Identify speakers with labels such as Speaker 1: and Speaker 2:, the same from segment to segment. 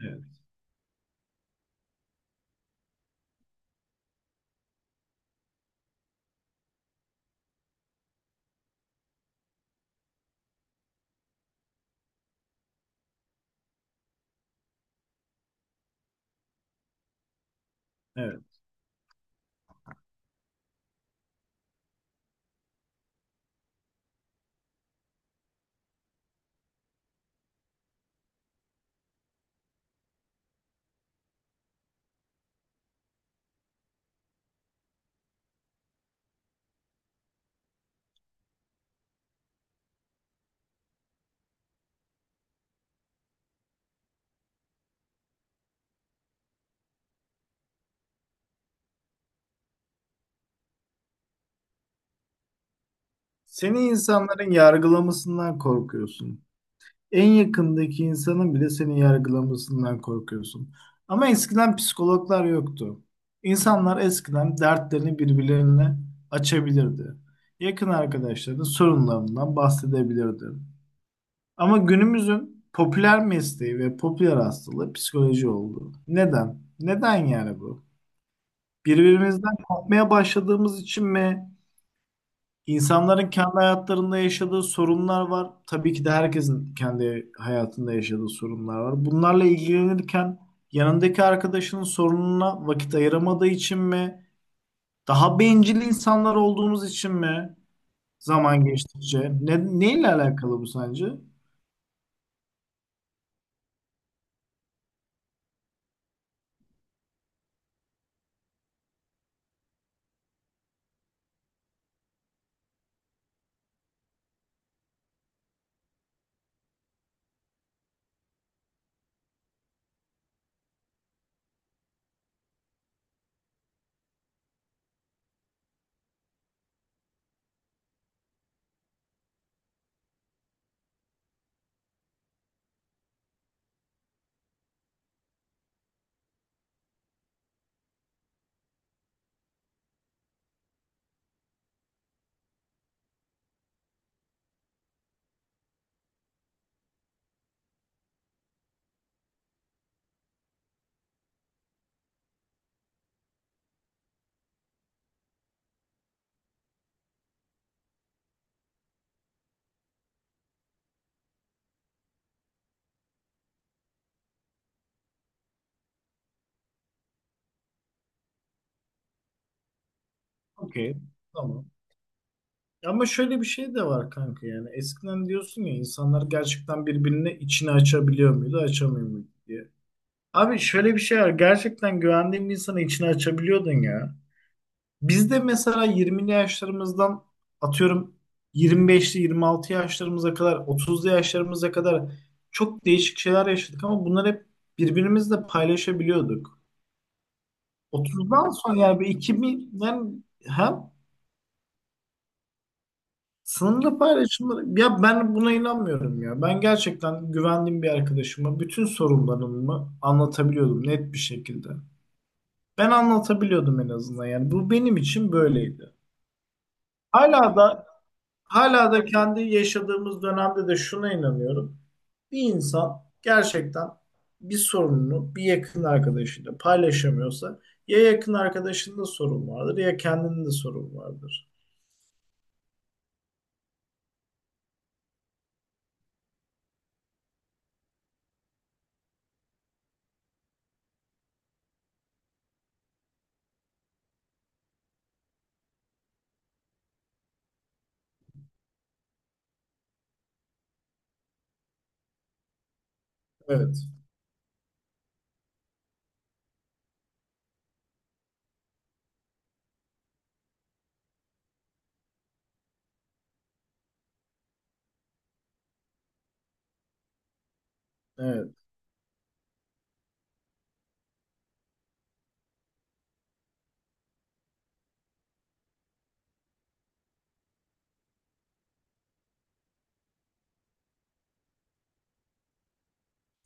Speaker 1: Evet, evet. Seni insanların yargılamasından korkuyorsun. En yakındaki insanın bile seni yargılamasından korkuyorsun. Ama eskiden psikologlar yoktu. İnsanlar eskiden dertlerini birbirlerine açabilirdi. Yakın arkadaşlarının sorunlarından bahsedebilirdi. Ama günümüzün popüler mesleği ve popüler hastalığı psikoloji oldu. Neden? Neden yani bu? Birbirimizden korkmaya başladığımız için mi? İnsanların kendi hayatlarında yaşadığı sorunlar var. Tabii ki de herkesin kendi hayatında yaşadığı sorunlar var. Bunlarla ilgilenirken yanındaki arkadaşının sorununa vakit ayıramadığı için mi? Daha bencil insanlar olduğumuz için mi? Zaman geçtikçe. Ne, neyle alakalı bu sence? Okey. Tamam. Ama şöyle bir şey de var kanka yani. Eskiden diyorsun ya insanlar gerçekten birbirine içini açabiliyor muydu, açamıyor muydu diye. Abi şöyle bir şey var. Gerçekten güvendiğin bir insanı içine açabiliyordun ya. Biz de mesela 20'li yaşlarımızdan atıyorum 25'li 26 yaşlarımıza kadar 30'lu yaşlarımıza kadar çok değişik şeyler yaşadık ama bunları hep birbirimizle paylaşabiliyorduk. 30'dan sonra yani bir 2000'den hem sınırlı paylaşımları ya ben buna inanmıyorum ya. Ben gerçekten güvendiğim bir arkadaşıma bütün sorunlarımı anlatabiliyordum net bir şekilde. Ben anlatabiliyordum en azından yani. Bu benim için böyleydi. Hala da hala da kendi yaşadığımız dönemde de şuna inanıyorum. Bir insan gerçekten bir sorununu bir yakın arkadaşıyla paylaşamıyorsa ya yakın arkadaşında sorun vardır ya kendinde sorun vardır. Evet. Evet.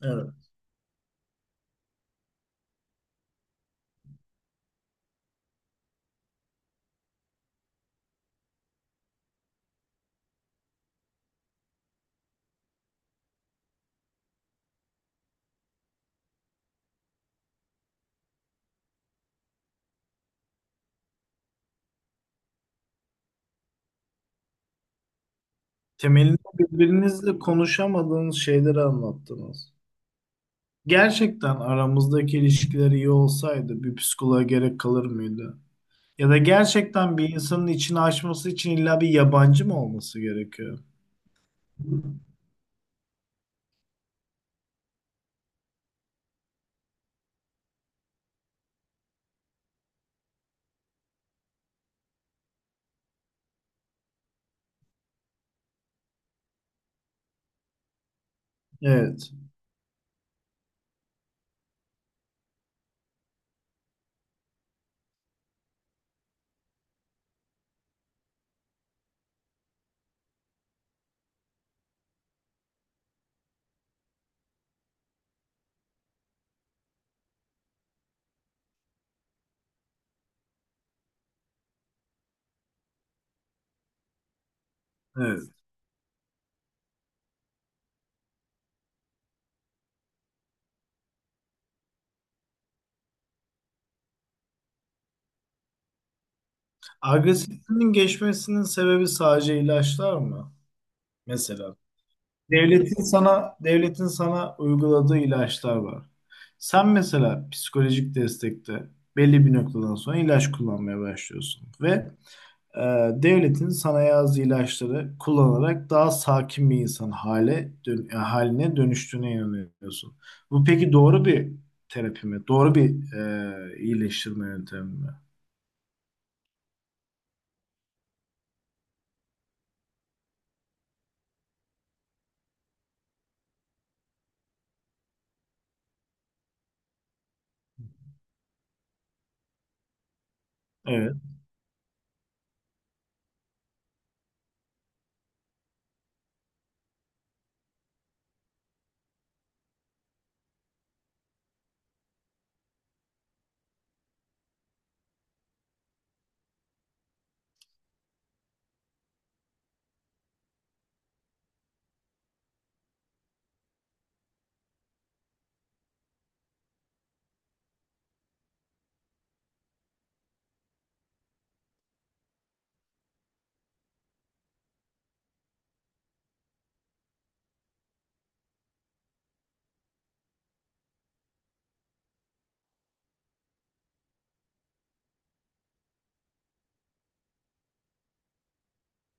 Speaker 1: Evet. Temelinde birbirinizle konuşamadığınız şeyleri anlattınız. Gerçekten aramızdaki ilişkiler iyi olsaydı bir psikoloğa gerek kalır mıydı? Ya da gerçekten bir insanın içini açması için illa bir yabancı mı olması gerekiyor? Evet. Evet. Agresifliğin geçmesinin sebebi sadece ilaçlar mı? Mesela devletin sana uyguladığı ilaçlar var. Sen mesela psikolojik destekte belli bir noktadan sonra ilaç kullanmaya başlıyorsun ve e, devletin sanayi ağzı ilaçları kullanarak daha sakin bir insan yani haline dönüştüğüne inanıyorsun. Bu peki doğru bir terapi mi? Doğru bir iyileştirme yöntemi mi? Evet.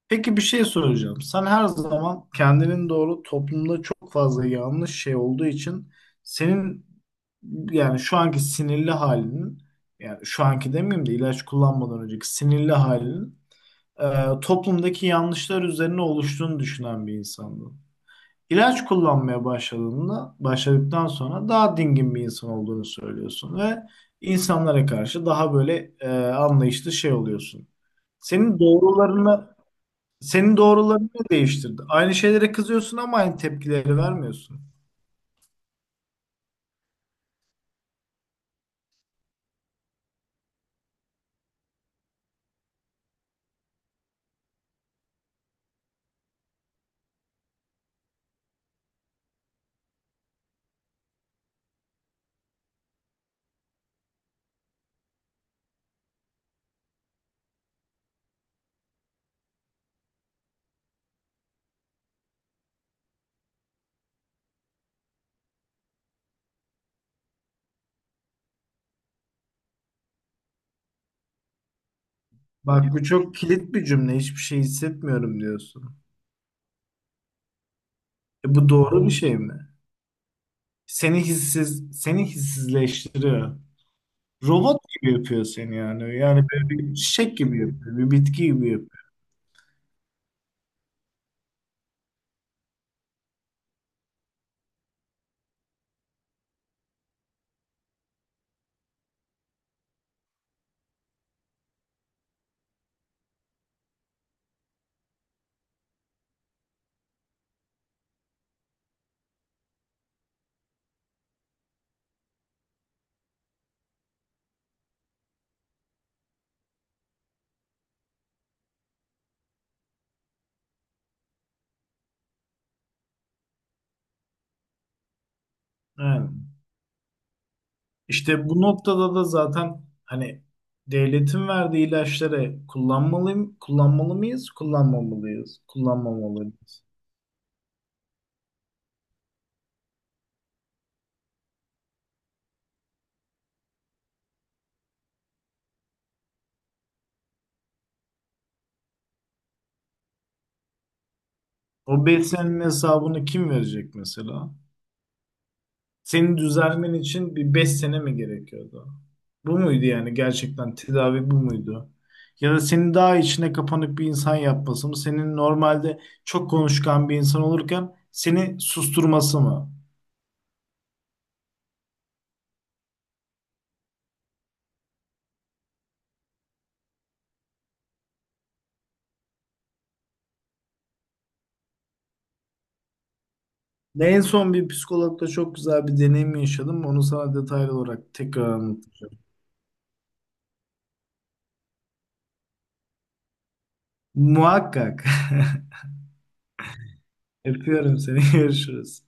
Speaker 1: Peki bir şey soracağım. Sen her zaman kendinin doğru toplumda çok fazla yanlış şey olduğu için senin yani şu anki sinirli halinin yani şu anki demeyeyim de ilaç kullanmadan önceki sinirli halinin toplumdaki yanlışlar üzerine oluştuğunu düşünen bir insandı. İlaç kullanmaya başladığında, başladıktan sonra daha dingin bir insan olduğunu söylüyorsun ve insanlara karşı daha böyle anlayışlı şey oluyorsun. Senin doğrularını senin doğrularını değiştirdi? Aynı şeylere kızıyorsun ama aynı tepkileri vermiyorsun. Bak bu çok kilit bir cümle. Hiçbir şey hissetmiyorum diyorsun. E, bu doğru bir şey mi? Seni hissiz, seni hissizleştiriyor. Robot gibi yapıyor seni yani. Yani böyle bir çiçek gibi yapıyor, bir bitki gibi yapıyor. Yani işte bu noktada da zaten hani devletin verdiği ilaçları kullanmalıyım, kullanmalı mıyız, kullanmamalıyız, kullanmamalıyız. O beslenme hesabını kim verecek mesela? Seni düzelmen için bir 5 sene mi gerekiyordu? Bu muydu yani gerçekten tedavi bu muydu? Ya da seni daha içine kapanık bir insan yapması mı? Senin normalde çok konuşkan bir insan olurken seni susturması mı? Ne en son bir psikologla çok güzel bir deneyim yaşadım. Onu sana detaylı olarak tekrar anlatacağım. Muhakkak. Öpüyorum seni. Görüşürüz.